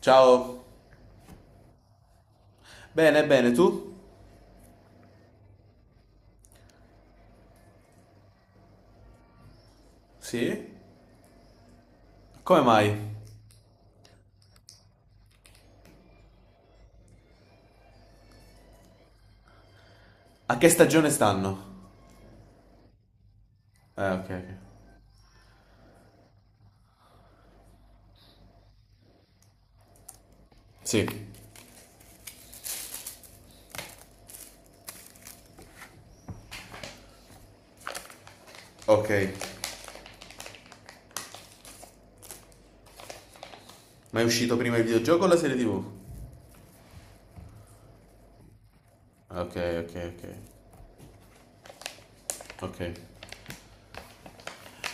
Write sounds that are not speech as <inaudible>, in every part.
Ciao. Bene, bene, tu? Sì? Come mai? A che stagione stanno? Ok, ok. Sì. Ok. Ma è uscito prima il videogioco o la serie TV? Ok, ok, ok. Ok.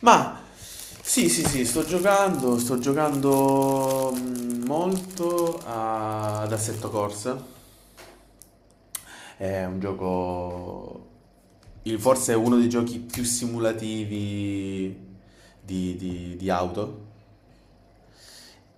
Ma sì, sì, sì, sto giocando molto ad Assetto Corsa. È un gioco forse è uno dei giochi più simulativi di auto.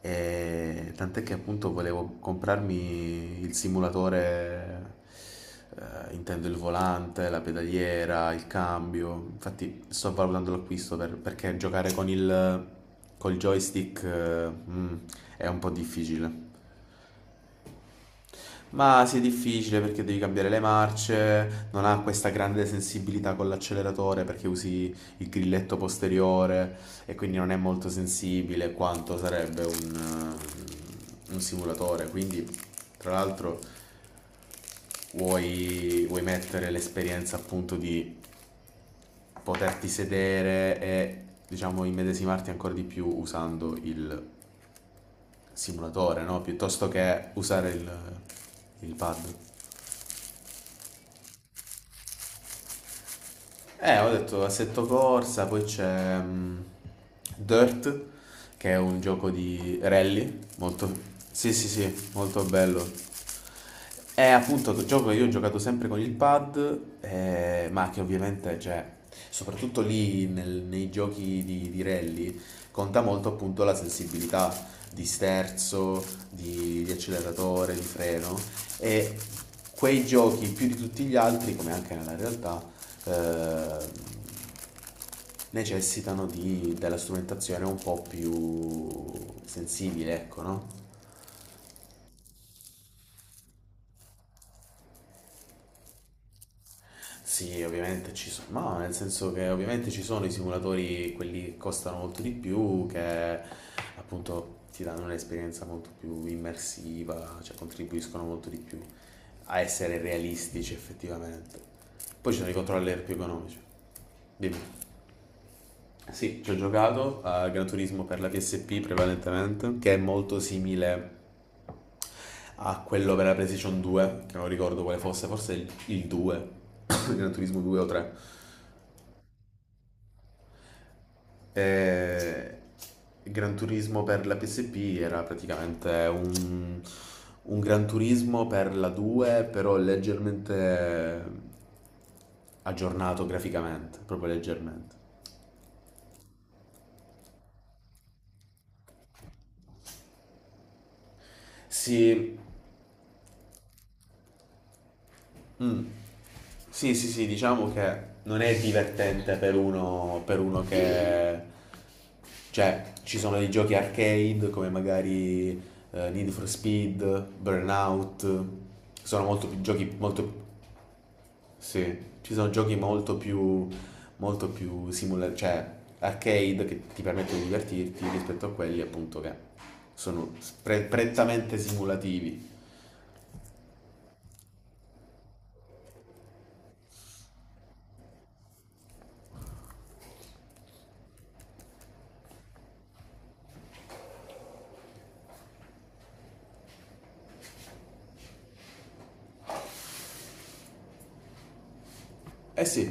E tant'è che appunto volevo comprarmi il simulatore, intendo il volante, la pedaliera, il cambio. Infatti sto valutando l'acquisto perché giocare con il col joystick, è un po' difficile. Ma sì, è difficile perché devi cambiare le marce, non ha questa grande sensibilità con l'acceleratore perché usi il grilletto posteriore e quindi non è molto sensibile quanto sarebbe un simulatore. Quindi, tra l'altro, vuoi mettere l'esperienza appunto di poterti sedere e diciamo immedesimarti ancora di più usando il simulatore, no? Piuttosto che usare il pad. Ho detto Assetto Corsa, poi c'è Dirt, che è un gioco di rally, molto. Sì, sì, sì, molto bello. È appunto un gioco che io ho giocato sempre con il pad, ma che ovviamente, cioè, soprattutto lì nei giochi di rally, conta molto appunto la sensibilità di sterzo, di acceleratore, di freno. E quei giochi, più di tutti gli altri, come anche nella realtà, eh, necessitano della strumentazione un po' più sensibile, ecco, no? Sì, ovviamente ci sono, ma nel senso che ovviamente ci sono i simulatori, quelli che costano molto di più, che appunto ti danno un'esperienza molto più immersiva, cioè contribuiscono molto di più a essere realistici effettivamente. Poi ci sono i controller più economici. Dimmi. Sì, ci ho giocato a Gran Turismo per la PSP prevalentemente, che è molto simile a quello per la PlayStation 2, che non ricordo quale fosse, forse il 2, <coughs> Gran Turismo 2 o 3. E Gran Turismo per la PSP era praticamente un Gran Turismo per la 2, però leggermente aggiornato graficamente, proprio leggermente. Sì. Mm. Sì, sì, sì, diciamo che non è divertente per uno che. Cioè, ci sono dei giochi arcade come magari Need for Speed, Burnout, sono molto più giochi, molto. Sì, ci sono giochi molto più cioè arcade che ti permettono di divertirti rispetto a quelli appunto che sono prettamente simulativi. Eh sì,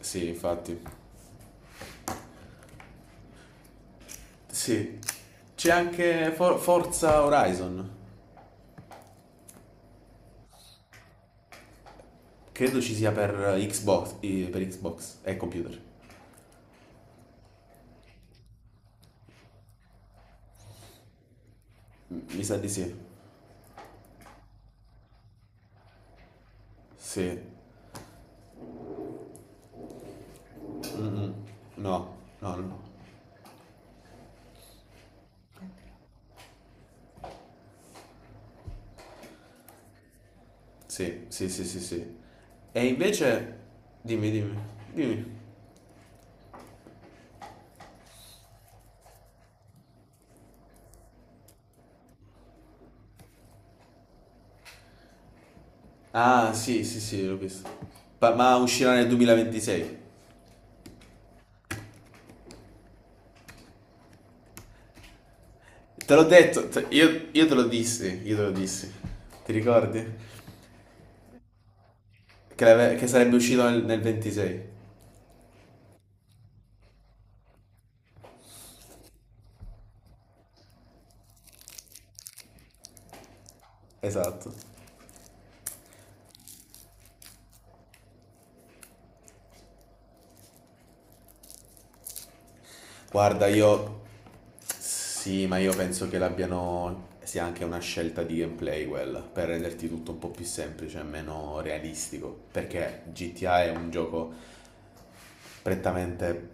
sì, infatti. Sì. C'è anche Forza Horizon. Credo ci sia per Xbox e computer. Mi sa di sì. Sì. Mm-mm. No, no, no. No. Sì, sì, sì, sì, sì. E invece, dimmi, dimmi, dimmi. Ah, sì, sì, sì, l'ho visto. Ma uscirà nel 2026. Te l'ho detto, io te lo dissi, io te lo dissi. Ti ricordi? Che sarebbe uscito nel 26. Esatto. Guarda, io sì, ma io penso che l'abbiano sia anche una scelta di gameplay quella, per renderti tutto un po' più semplice e meno realistico, perché GTA è un gioco prettamente,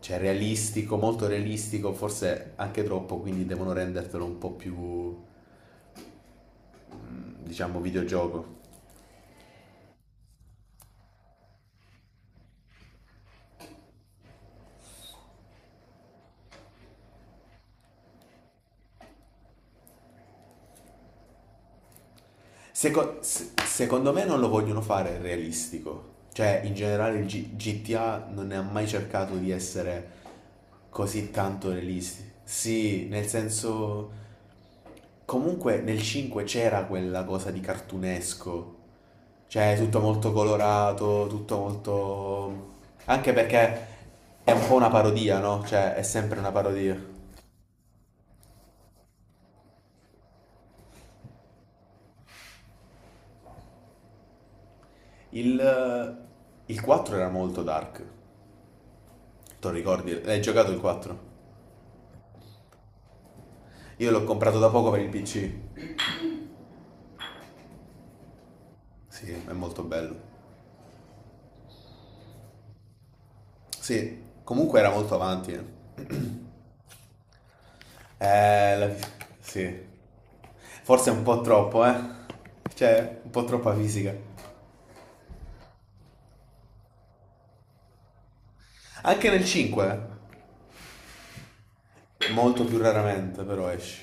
cioè, realistico, molto realistico, forse anche troppo, quindi devono rendertelo un po' più, diciamo, videogioco. Secondo me non lo vogliono fare realistico. Cioè, in generale il GTA non ne ha mai cercato di essere così tanto realistico. Sì, nel senso. Comunque nel 5 c'era quella cosa di cartunesco. Cioè, tutto molto colorato, tutto molto. Anche perché è un po' una parodia, no? Cioè, è sempre una parodia. Il, il 4 era molto dark. Te lo ricordi? L'hai giocato il 4? Io l'ho comprato da poco per il PC. Sì, è molto bello. Sì, comunque era molto avanti. <clears throat> Eh, la... sì. Forse un po' troppo, eh. Cioè, un po' troppa fisica. Anche nel 5, molto più raramente, però esci.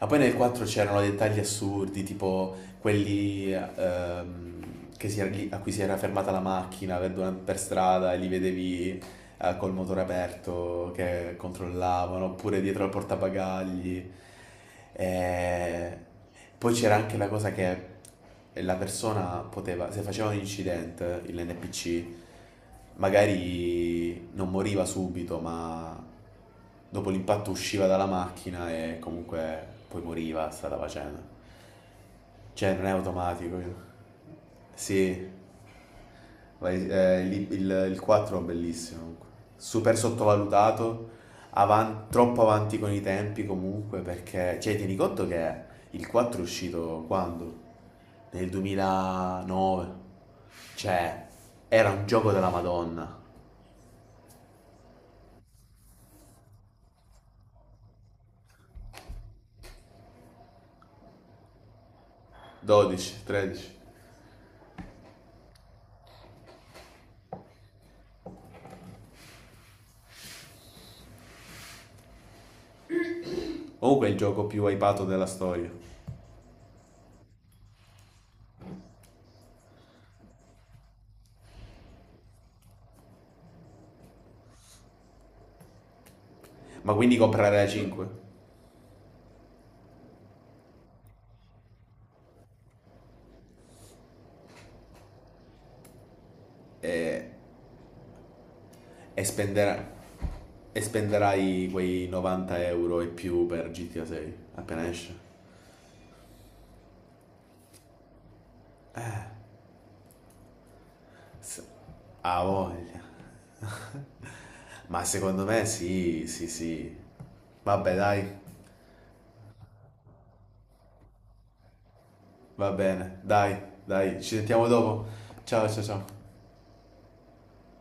Ma poi nel 4 c'erano dettagli assurdi, tipo quelli a cui si era fermata la macchina per strada e li vedevi col motore aperto che controllavano, oppure dietro al portabagagli. E poi c'era anche la cosa che la persona poteva, se faceva un incidente, l'NPC, magari non moriva subito, ma dopo l'impatto usciva dalla macchina e comunque poi moriva, stata facendo. Cioè, non è automatico. Eh? Sì. Il 4 è bellissimo, comunque. Super sottovalutato, troppo avanti con i tempi comunque, perché, cioè, tieni conto che il 4 è uscito quando? Nel 2009, cioè, era un gioco della Madonna, 12, 13, comunque è il gioco più hypato della storia, ma quindi comprare la 5 è... E, spendera- e spenderai quei 90 euro e più per GTA 6 appena esce? S- Ha voglia. <laughs> Ma secondo me sì, sì, sì. Vabbè, dai, va bene, dai, dai, ci sentiamo dopo. Ciao, ciao, ciao.